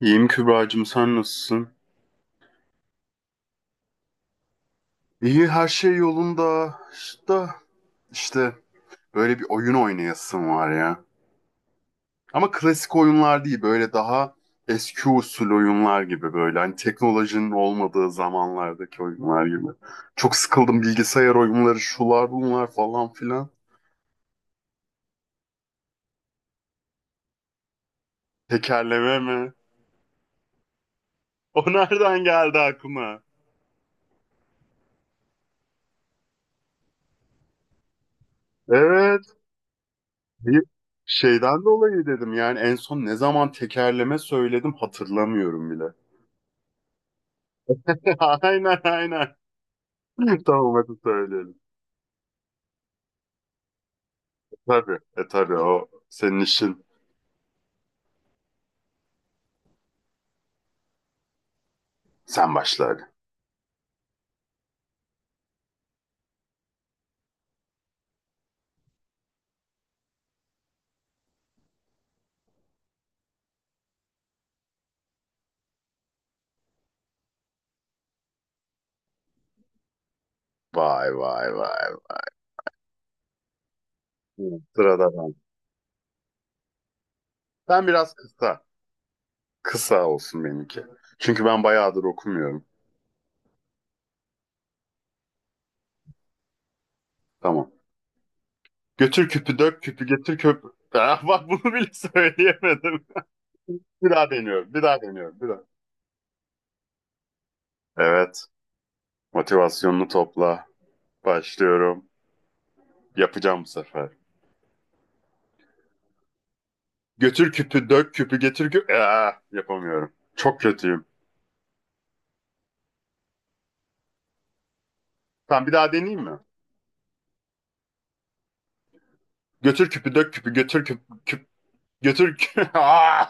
İyiyim Kübra'cığım, sen nasılsın? İyi, her şey yolunda. İşte, işte böyle bir oyun oynayasım var ya. Ama klasik oyunlar değil, böyle daha eski usul oyunlar gibi böyle. Hani teknolojinin olmadığı zamanlardaki oyunlar gibi. Çok sıkıldım bilgisayar oyunları, şular bunlar falan filan. Tekerleme mi? O nereden geldi aklıma? Evet. Bir şeyden dolayı dedim, yani en son ne zaman tekerleme söyledim hatırlamıyorum bile. Aynen aynen. Tamam, hadi söyleyelim. Tabii. E tabii, o senin işin. Sen başla hadi. Vay vay vay. Hı, sırada ben. Ben biraz kısa. Kısa olsun benimki. Çünkü ben bayağıdır okumuyorum. Tamam. Götür küpü dök küpü getir köp. Ah, bak bunu bile söyleyemedim. Bir daha deniyorum. Bir daha deniyorum. Bir daha. Evet. Motivasyonunu topla. Başlıyorum. Yapacağım bu sefer. Götür küpü dök küpü getir küpü. Ah, yapamıyorum. Çok kötüyüm. Tamam, bir daha deneyeyim mi? Götür küpü dök küpü götür küp küp götür kü- Aa!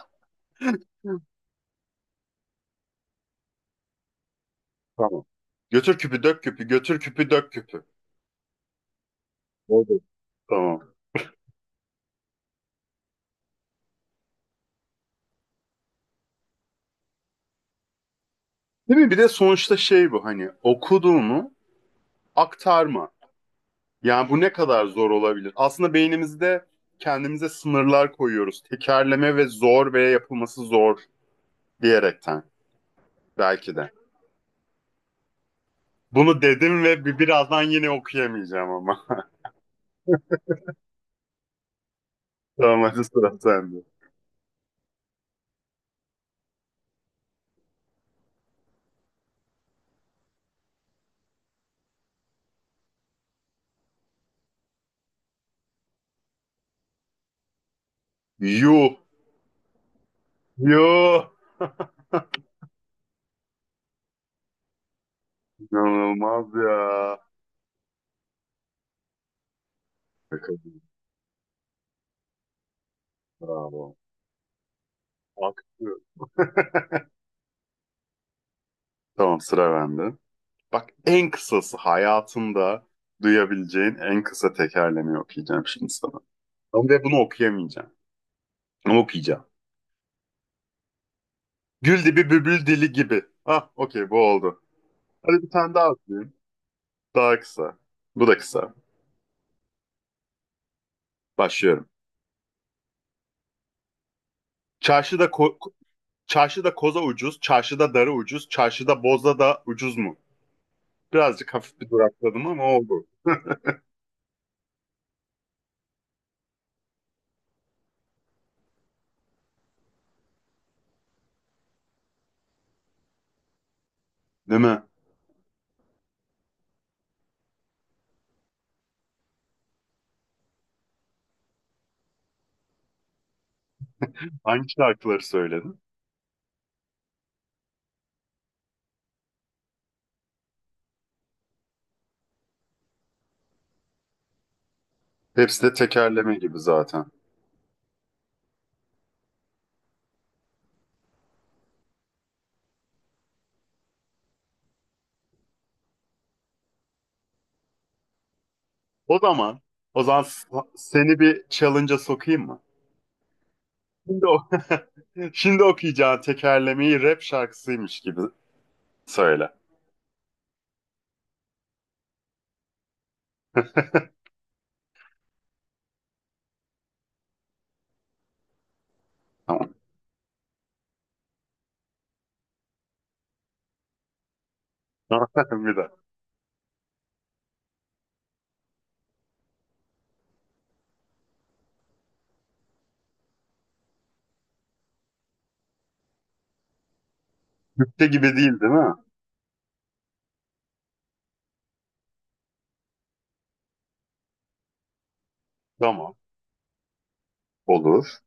Tamam. Götür küpü dök küpü götür küpü dök küpü. Oldu. Tamam. Değil mi? Bir de sonuçta şey, bu hani okuduğunu aktarma. Yani bu ne kadar zor olabilir? Aslında beynimizde kendimize sınırlar koyuyoruz. Tekerleme ve zor veya yapılması zor diyerekten belki de. Bunu dedim ve birazdan yine okuyamayacağım ama. Tamam, hadi sıra sende. Yuh. Yuh. İnanılmaz ya. Şaka gibi. Bravo. Aktı. Tamam, sıra bende. Bak, en kısası hayatında duyabileceğin en kısa tekerlemeyi okuyacağım şimdi sana. Ama de bunu okuyamayacağım. Ama okuyacağım. Gül dibi bübül dili gibi. Ah okey, bu oldu. Hadi bir tane daha okuyayım. Daha kısa. Bu da kısa. Başlıyorum. Çarşıda ko- çarşıda koza ucuz, çarşıda darı ucuz, çarşıda boza da ucuz mu? Birazcık hafif bir durakladım ama oldu. Değil mi? Hangi şarkıları söyledin? Hepsi de tekerleme gibi zaten. O zaman, o zaman s- seni bir challenge'a sokayım mı? Şimdi, o şimdi okuyacağın tekerlemeyi rap şarkısıymış gibi söyle. Tamam. Bir de. Türkçe gibi değil, değil mi? Tamam. Olur.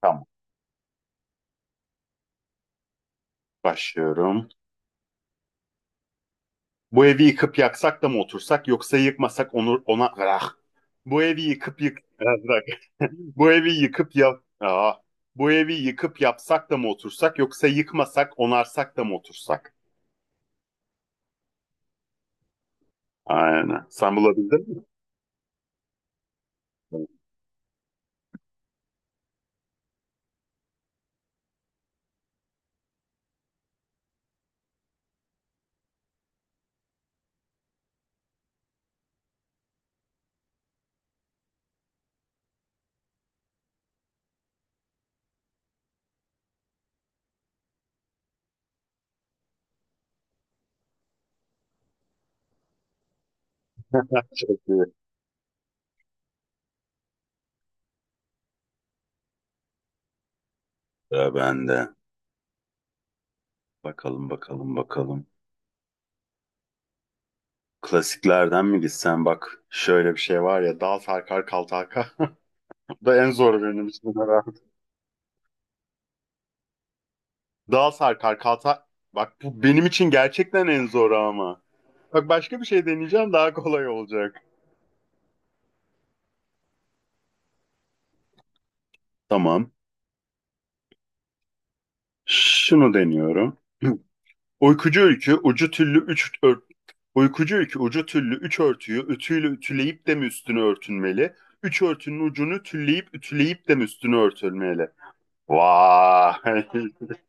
Tamam. Başlıyorum. Bu evi yıkıp yaksak da mı otursak yoksa yıkmasak onu ona ah. Bu evi yıkıp yık bu evi yıkıp yap Aa. Bu evi yıkıp yapsak da mı otursak yoksa yıkmasak onarsak da mı otursak? Aynen. Sen bulabildin mi? Çok iyi. Ya ben de. Bakalım bakalım bakalım. Klasiklerden mi gitsen, bak şöyle bir şey var ya, dal sarkar kal tarka. Bu da en zoru benim için herhalde. Dal sarkar kal tar- bak bu benim için gerçekten en zoru ama. Bak başka bir şey deneyeceğim, daha kolay olacak. Tamam. Şunu deniyorum. Uykucu ülkü ucu tüllü üç ört. Uykucu ülkü ucu tüllü üç örtüyü ütüyle ütüleyip de mi üstünü örtünmeli? Üç örtünün ucunu tülleyip ütüleyip de mi üstünü örtülmeli? Vay!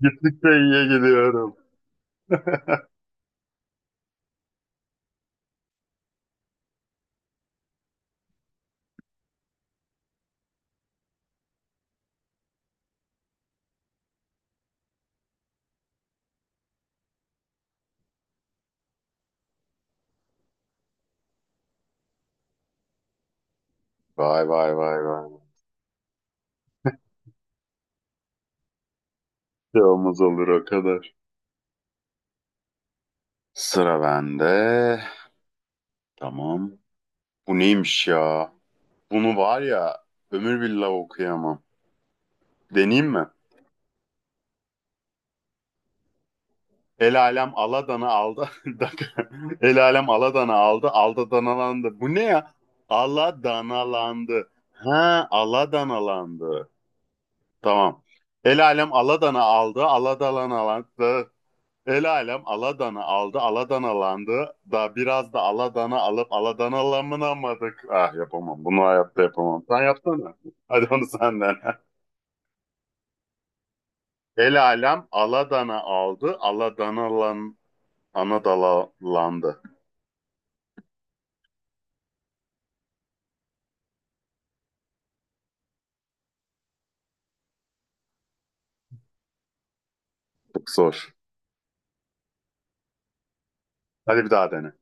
Gittikçe iyiye gidiyorum. Vay vay vay vay. Bir yolumuz olur o kadar. Sıra bende. Tamam. Bu neymiş ya? Bunu var ya, ömür billah okuyamam. Deneyeyim mi? El alem Aladan'ı aldı. El alem Aladan'ı aldı. Aldana'landı. Bu ne ya? Aladana'landı. Ha, Aladana'landı. Tamam. El alem Aladan'ı aldı. Aladana'landı. El alem Aladan'ı aldı. Aladana'landı. Da biraz da Aladan'ı alıp Aladana'lanamadık. Ah yapamam. Bunu hayatta yapamam. Sen yapsana. Hadi onu senden. El alem Aladan'ı aldı. Aladana'lan Anadolu'landı. Çok zor. Hadi bir daha dene.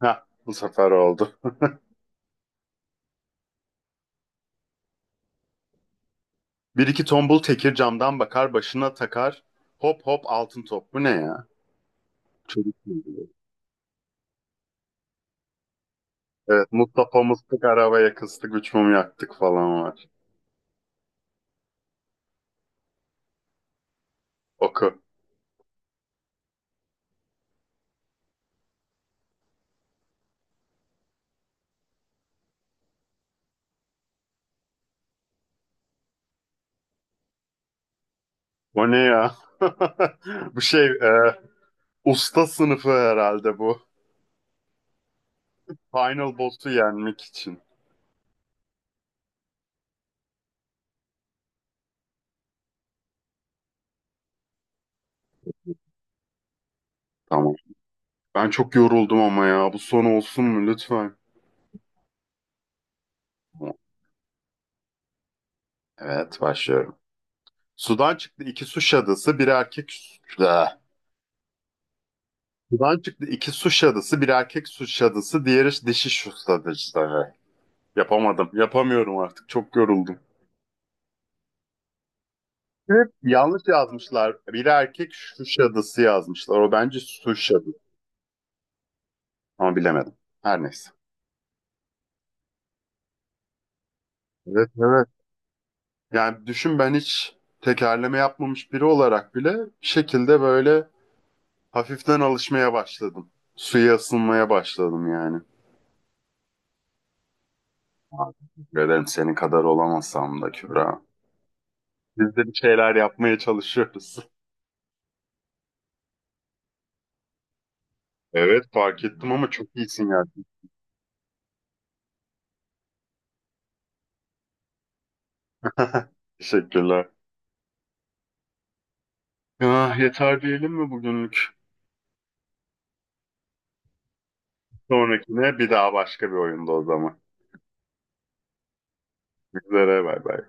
Heh, bu sefer oldu. Bir iki tombul tekir camdan bakar, başına takar. Hop hop altın top. Bu ne ya? Çocuk bilgileri. Evet, Mustafa mıstık arabaya kıstık, üç mum yaktık falan var. Oku. O ne ya? Bu şey, e, usta sınıfı herhalde bu. Final boss'u yenmek için. Tamam. Ben çok yoruldum ama ya. Bu son olsun mu lütfen? Evet, başlıyorum. Sudan çıktı iki su şadısı, bir erkek... Ah. Buradan çıktı iki suç şadısı, bir erkek suç şadısı, diğeri dişi su şadısı. Yapamadım. Yapamıyorum artık. Çok yoruldum. Hep yanlış yazmışlar. Biri erkek suç şadısı yazmışlar. O bence suç şadısı. Ama bilemedim. Her neyse. Evet evet. Yani düşün, ben hiç tekerleme yapmamış biri olarak bile bir şekilde böyle hafiften alışmaya başladım. Suya ısınmaya başladım yani. Teşekkür ederim, senin kadar olamasam da Kübra. Biz de bir şeyler yapmaya çalışıyoruz. Evet fark ettim, ama çok iyisin yani. Teşekkürler. Ah, yeter diyelim mi bugünlük? Sonrakine bir daha başka bir oyunda o zaman. Üzere bay bay.